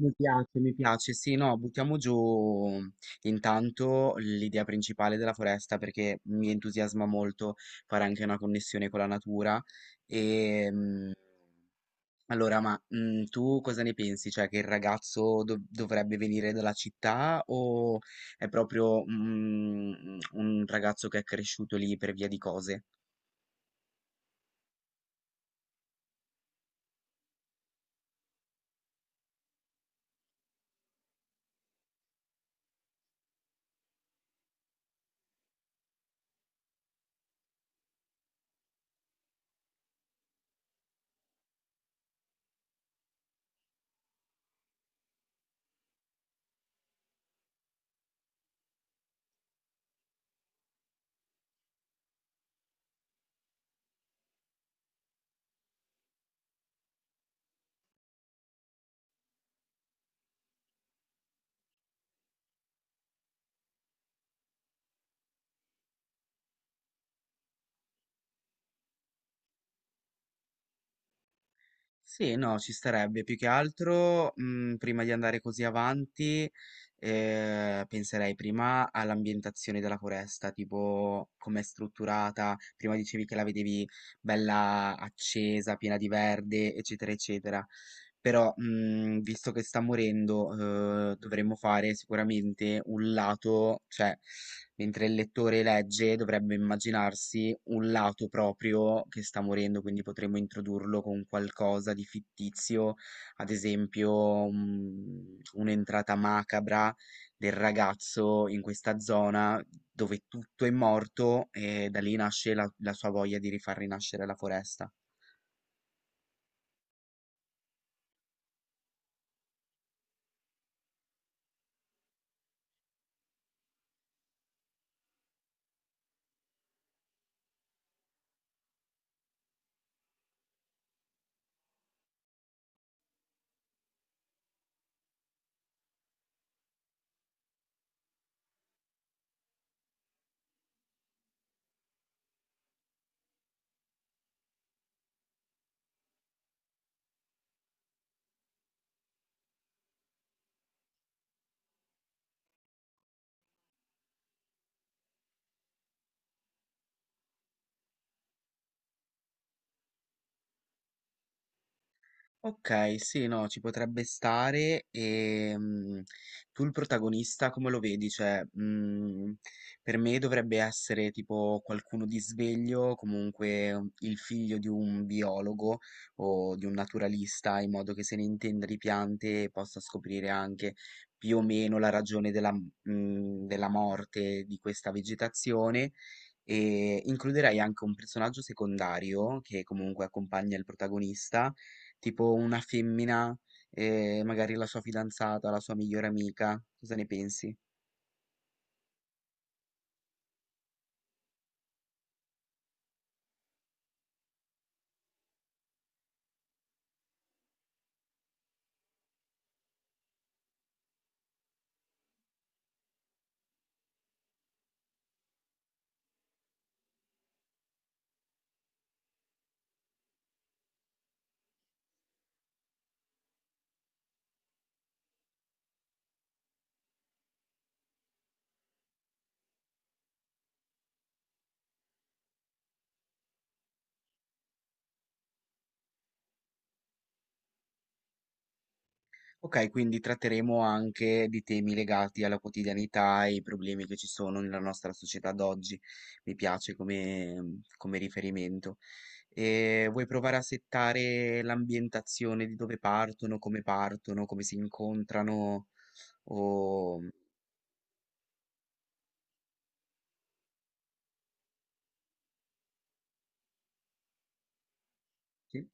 Mi piace, mi piace. Sì, no, buttiamo giù intanto l'idea principale della foresta perché mi entusiasma molto fare anche una connessione con la natura. E allora, ma tu cosa ne pensi? Cioè, che il ragazzo dovrebbe venire dalla città o è proprio un ragazzo che è cresciuto lì per via di cose? Sì, no, ci starebbe. Più che altro, prima di andare così avanti, penserei prima all'ambientazione della foresta, tipo com'è strutturata. Prima dicevi che la vedevi bella accesa, piena di verde, eccetera, eccetera. Però, visto che sta morendo, dovremmo fare sicuramente un lato, cioè, mentre il lettore legge dovrebbe immaginarsi un lato proprio che sta morendo, quindi potremmo introdurlo con qualcosa di fittizio, ad esempio, un'entrata macabra del ragazzo in questa zona dove tutto è morto e da lì nasce la sua voglia di rifar rinascere la foresta. Ok, sì, no, ci potrebbe stare e tu il protagonista come lo vedi? Cioè, per me dovrebbe essere tipo qualcuno di sveglio, comunque il figlio di un biologo o di un naturalista, in modo che se ne intenda di piante e possa scoprire anche più o meno la ragione della morte di questa vegetazione, e includerei anche un personaggio secondario che comunque accompagna il protagonista, tipo una femmina, magari la sua fidanzata, la sua migliore amica. Cosa ne pensi? Ok, quindi tratteremo anche di temi legati alla quotidianità e i problemi che ci sono nella nostra società d'oggi. Mi piace come riferimento. E vuoi provare a settare l'ambientazione di dove partono, come si incontrano o... mm, Sì?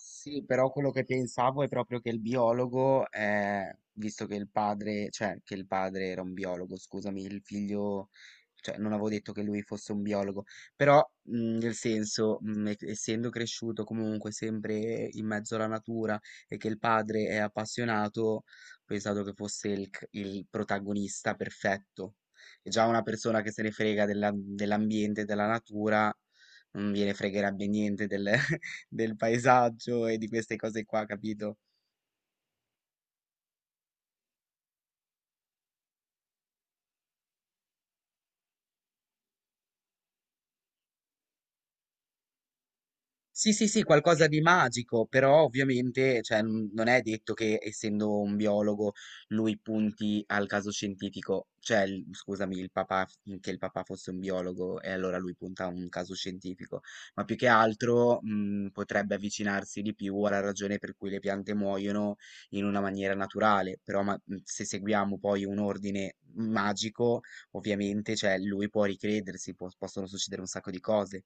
Sì, però quello che pensavo è proprio che il biologo, visto che il padre, cioè che il padre era un biologo, scusami, il figlio, cioè non avevo detto che lui fosse un biologo, però nel senso, essendo cresciuto comunque sempre in mezzo alla natura e che il padre è appassionato, ho pensato che fosse il, il protagonista perfetto. E già una persona che se ne frega dell'ambiente, della natura, non gliene fregherebbe niente del, del paesaggio e di queste cose qua, capito? Sì, sì, sì, qualcosa di magico, però ovviamente, cioè, non è detto che essendo un biologo lui punti al caso scientifico, cioè, scusami, il papà, che il papà fosse un biologo e allora lui punta a un caso scientifico, ma più che altro, potrebbe avvicinarsi di più alla ragione per cui le piante muoiono in una maniera naturale, però se seguiamo poi un ordine magico, ovviamente, cioè, lui può ricredersi, possono succedere un sacco di cose.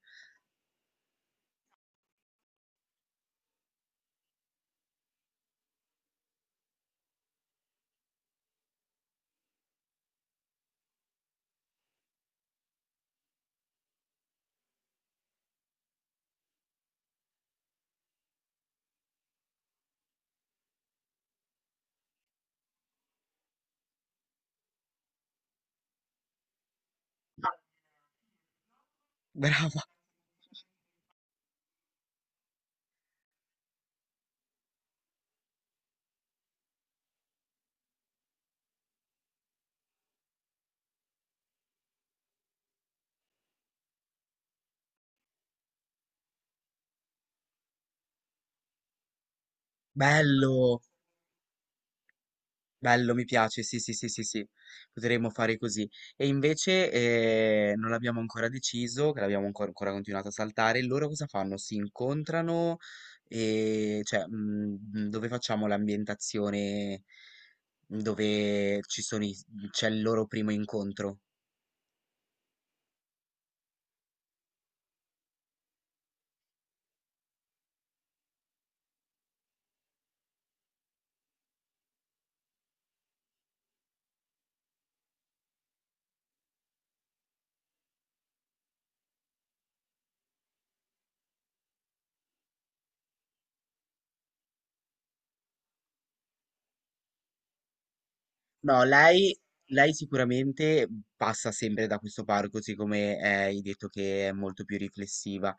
Bello! Bello, mi piace, sì, sì, sì, sì, sì, potremmo fare così. E invece non l'abbiamo ancora deciso, che l'abbiamo ancora continuato a saltare. Loro cosa fanno? Si incontrano e cioè dove facciamo l'ambientazione dove ci sono c'è il loro primo incontro? No, lei sicuramente passa sempre da questo parco, siccome hai detto che è molto più riflessiva.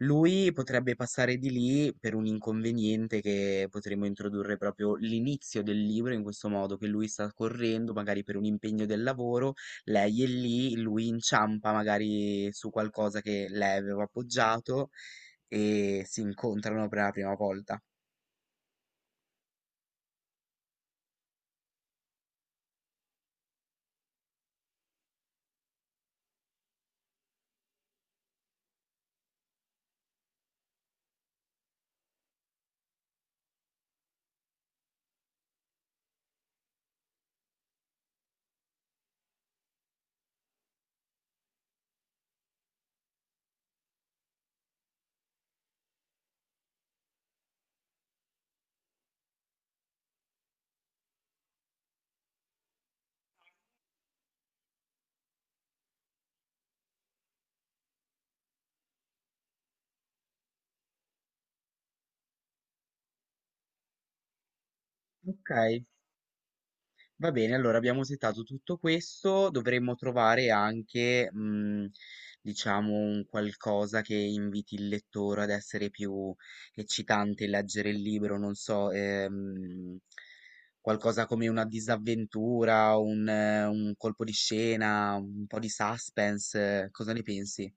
Lui potrebbe passare di lì per un inconveniente che potremmo introdurre proprio l'inizio del libro in questo modo, che lui sta correndo magari per un impegno del lavoro, lei è lì, lui inciampa magari su qualcosa che lei aveva appoggiato e si incontrano per la prima volta. Ok? Va bene, allora abbiamo settato tutto questo, dovremmo trovare anche, diciamo, un qualcosa che inviti il lettore ad essere più eccitante e leggere il libro, non so, qualcosa come una disavventura, un colpo di scena, un po' di suspense, cosa ne pensi?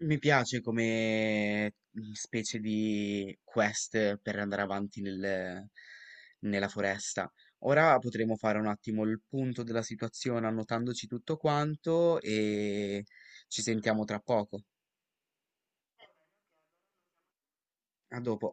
Mi piace come specie di quest per andare avanti nella foresta. Ora potremo fare un attimo il punto della situazione annotandoci tutto quanto e ci sentiamo tra poco. A dopo.